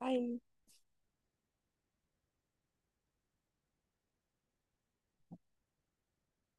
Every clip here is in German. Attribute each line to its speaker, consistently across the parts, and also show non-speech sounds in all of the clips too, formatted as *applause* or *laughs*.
Speaker 1: Ein.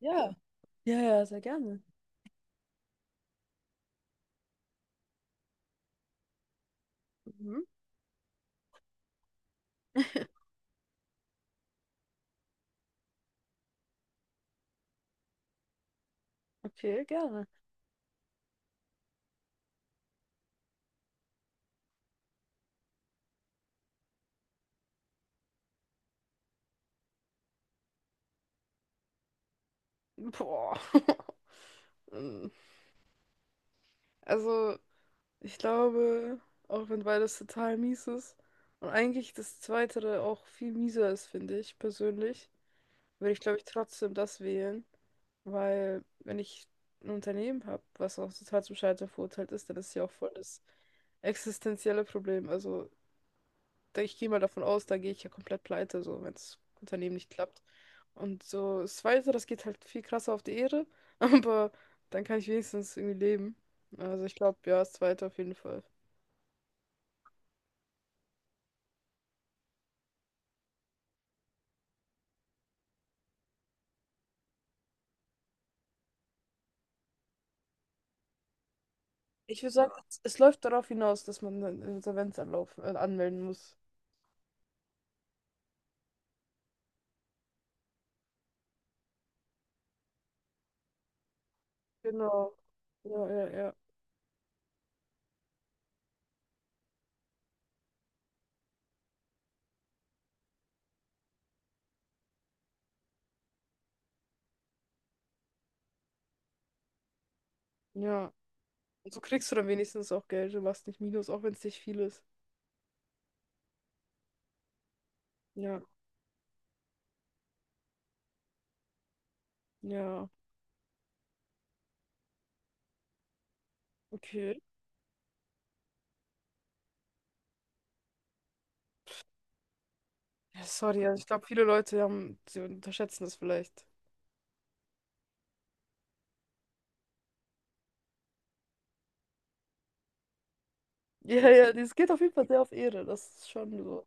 Speaker 1: Ja, ja, ja, sehr gerne. Mhm. *laughs* Okay, gerne. Boah. *laughs* Ähm, Also, ich glaube, auch wenn beides total mies ist und eigentlich das Zweite auch viel mieser ist, finde ich persönlich, würde ich, glaube ich, trotzdem das wählen, weil wenn ich ein Unternehmen habe, was auch total zum Scheitern verurteilt ist, dann ist ja auch voll das existenzielle Problem. Also, ich gehe mal davon aus, da gehe ich ja komplett pleite, so wenn das Unternehmen nicht klappt. Und so das Weitere, das geht halt viel krasser auf die Ehre, *laughs* aber dann kann ich wenigstens irgendwie leben. Also ich glaube, ja, das Zweite auf jeden Fall. Ich würde sagen, es läuft darauf hinaus, dass man einen Insolvenzanlauf anmelden muss. Genau. Ja, ja, ja. Ja. Und so kriegst du dann wenigstens auch Geld, du machst nicht Minus, auch wenn es nicht viel ist. Ja, ja, okay. Ja, sorry, also ich glaube, viele Leute haben, sie unterschätzen das vielleicht. Ja, ja, das geht auf jeden Fall sehr auf Ehre. Das ist schon so.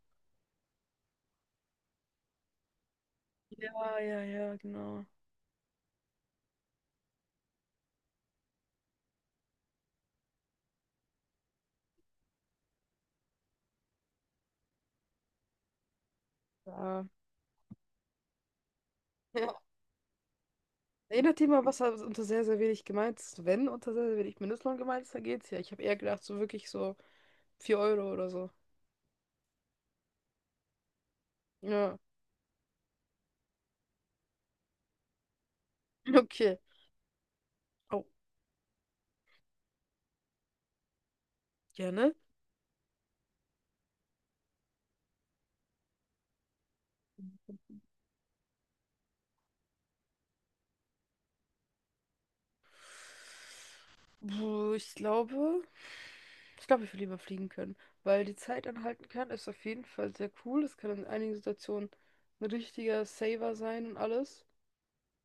Speaker 1: Ja, ja, ja, genau. Ja. Ja. Erinnert ihr mal, was da unter sehr, sehr wenig gemeint ist? Wenn unter sehr, sehr wenig Mindestlohn gemeint ist, dann geht's ja. Ich habe eher gedacht, so wirklich so 4 Euro oder so. Ja, *laughs* okay. Oh, gerne. Puh, ich glaube, ich will lieber fliegen können, weil die Zeit anhalten kann, ist auf jeden Fall sehr cool. Es kann in einigen Situationen ein richtiger Saver sein und alles.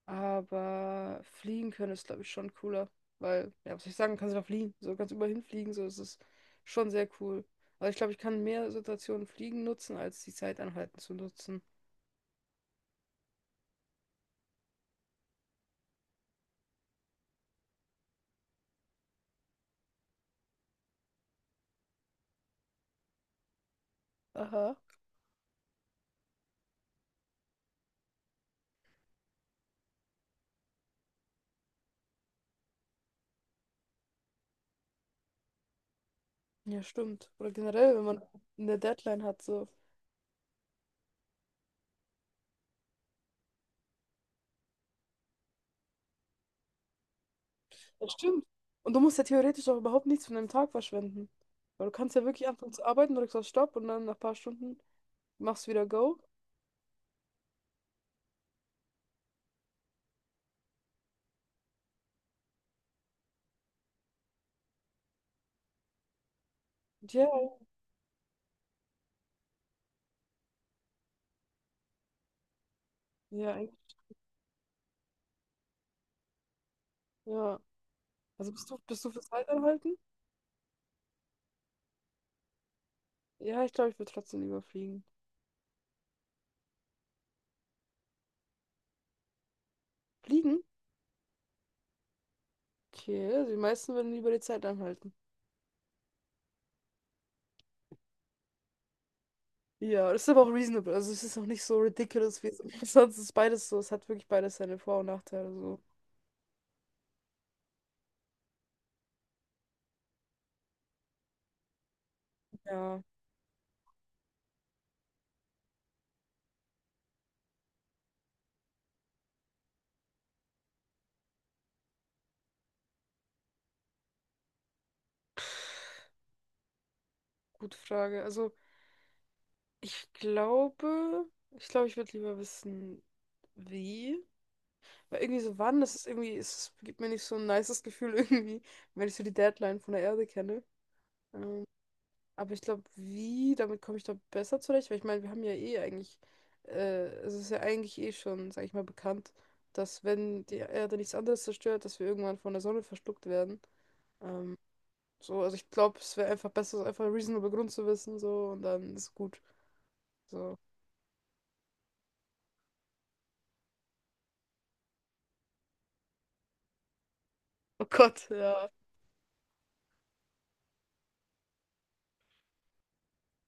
Speaker 1: Aber fliegen können ist, glaube ich, schon cooler. Weil, ja, was soll ich sagen, kannst du da fliegen. So kannst du überall hinfliegen. So, ist es schon sehr cool. Aber ich glaube, ich kann mehr Situationen fliegen nutzen, als die Zeit anhalten zu nutzen. Aha. Ja, stimmt. Oder generell, wenn man eine Deadline hat, so. Das stimmt. Und du musst ja theoretisch auch überhaupt nichts von deinem Tag verschwenden. Weil du kannst ja wirklich anfangen zu arbeiten, drückst auf Stopp und dann nach ein paar Stunden machst du wieder Go. Und ja, ja, eigentlich, ja. Also bist du für Zeit anhalten? Ja, ich glaube, ich würde trotzdem lieber fliegen. Fliegen? Okay, also die meisten würden lieber die Zeit anhalten. Ja, das ist aber auch reasonable. Also es ist auch nicht so ridiculous wie es *laughs* sonst ist beides so. Es hat wirklich beides seine Vor- und Nachteile. So. Ja, gute Frage. Also ich glaube, ich würde lieber wissen, wie. Weil irgendwie so wann, das ist irgendwie, es gibt mir nicht so ein nices Gefühl *laughs* irgendwie, wenn ich so die Deadline von der Erde kenne. Ähm, Aber ich glaube, wie, damit komme ich da besser zurecht, weil ich meine, wir haben ja eh eigentlich, äh, es ist ja eigentlich eh schon, sag ich mal, bekannt, dass wenn die Erde nichts anderes zerstört, dass wir irgendwann von der Sonne verschluckt werden. Ähm, so, also ich glaube, es wäre einfach besser, so einfach einen reasonable Grund zu wissen, so, und dann ist gut. So. *laughs* Oh Gott, ja.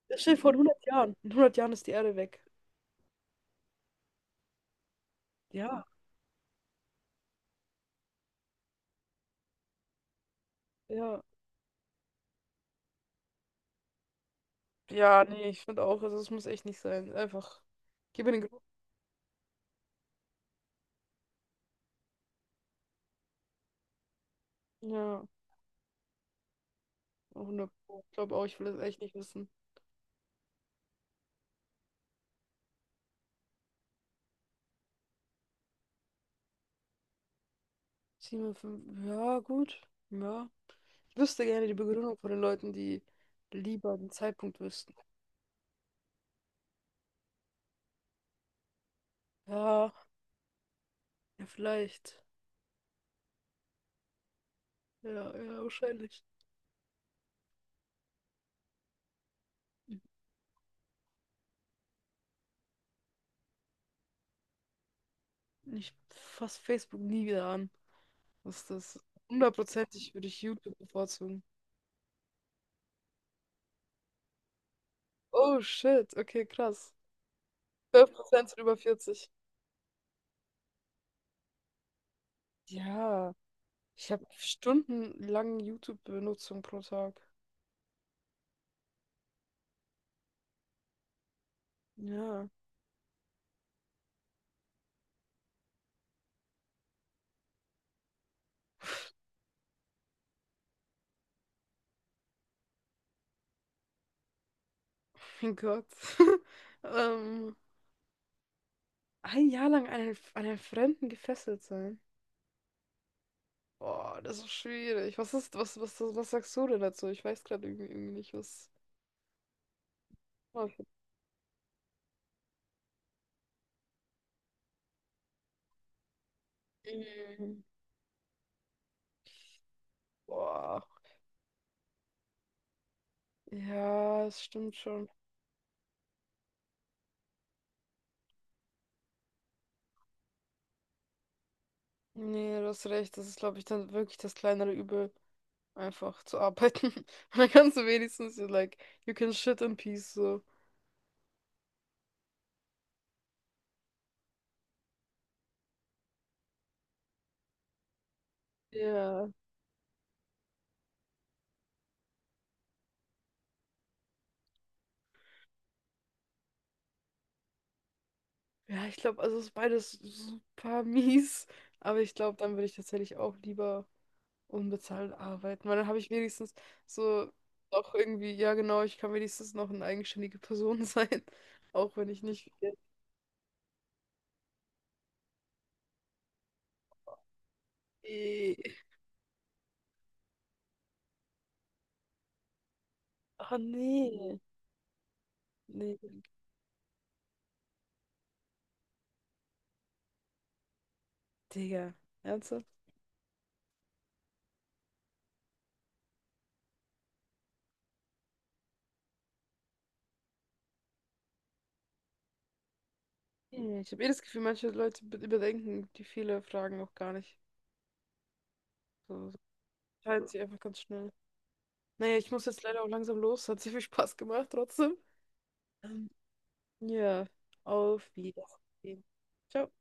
Speaker 1: Das steht vor 100 Jahren. In 100 Jahren ist die Erde weg. Ja, ja. Ja, nee, ich finde auch, also es muss echt nicht sein. Einfach, gib mir den Grund. Ja, hundert Pro. Ich glaube auch, ich will das echt nicht wissen. 7,5. Ja, gut. Ja. Ich wüsste gerne die Begründung von den Leuten, die lieber den Zeitpunkt wüssten. Ja, ja, vielleicht. Ja, ja, wahrscheinlich. Ich fasse Facebook nie wieder an. Was ist das. Hundertprozentig würde ich YouTube bevorzugen. Oh shit, okay, krass. 12% sind über 40. Ja, ich habe stundenlang YouTube-Benutzung pro Tag. Ja, mein Gott. *laughs* Ähm, ein Jahr lang an einen Fremden gefesselt sein. Boah, das ist schwierig. Was ist, was, was, was, was sagst du denn dazu? Ich weiß gerade irgendwie nicht, was. Mhm. Boah. Ja, das stimmt schon. Nee, du hast recht. Das ist, glaube ich, dann wirklich das kleinere Übel, einfach zu arbeiten. *laughs* Und dann kannst du wenigstens, so, like, you can shit in peace, so. Ja. Ja, ich glaube, also es ist beides super *laughs* mies. Aber ich glaube, dann würde ich tatsächlich auch lieber. Unbezahlt arbeiten, weil dann habe ich wenigstens so auch irgendwie, ja genau, ich kann wenigstens noch eine eigenständige Person sein, *laughs* auch wenn ich nicht viel Geld. Eh. Oh nee, nee. Digga, ernsthaft? Nee, ich habe eh das Gefühl, manche Leute überdenken die viele Fragen auch gar nicht. So, teilen sie einfach ganz schnell. Naja, ich muss jetzt leider auch langsam los, hat sehr viel Spaß gemacht trotzdem. Ähm, Ja, auf Wiedersehen. Ciao.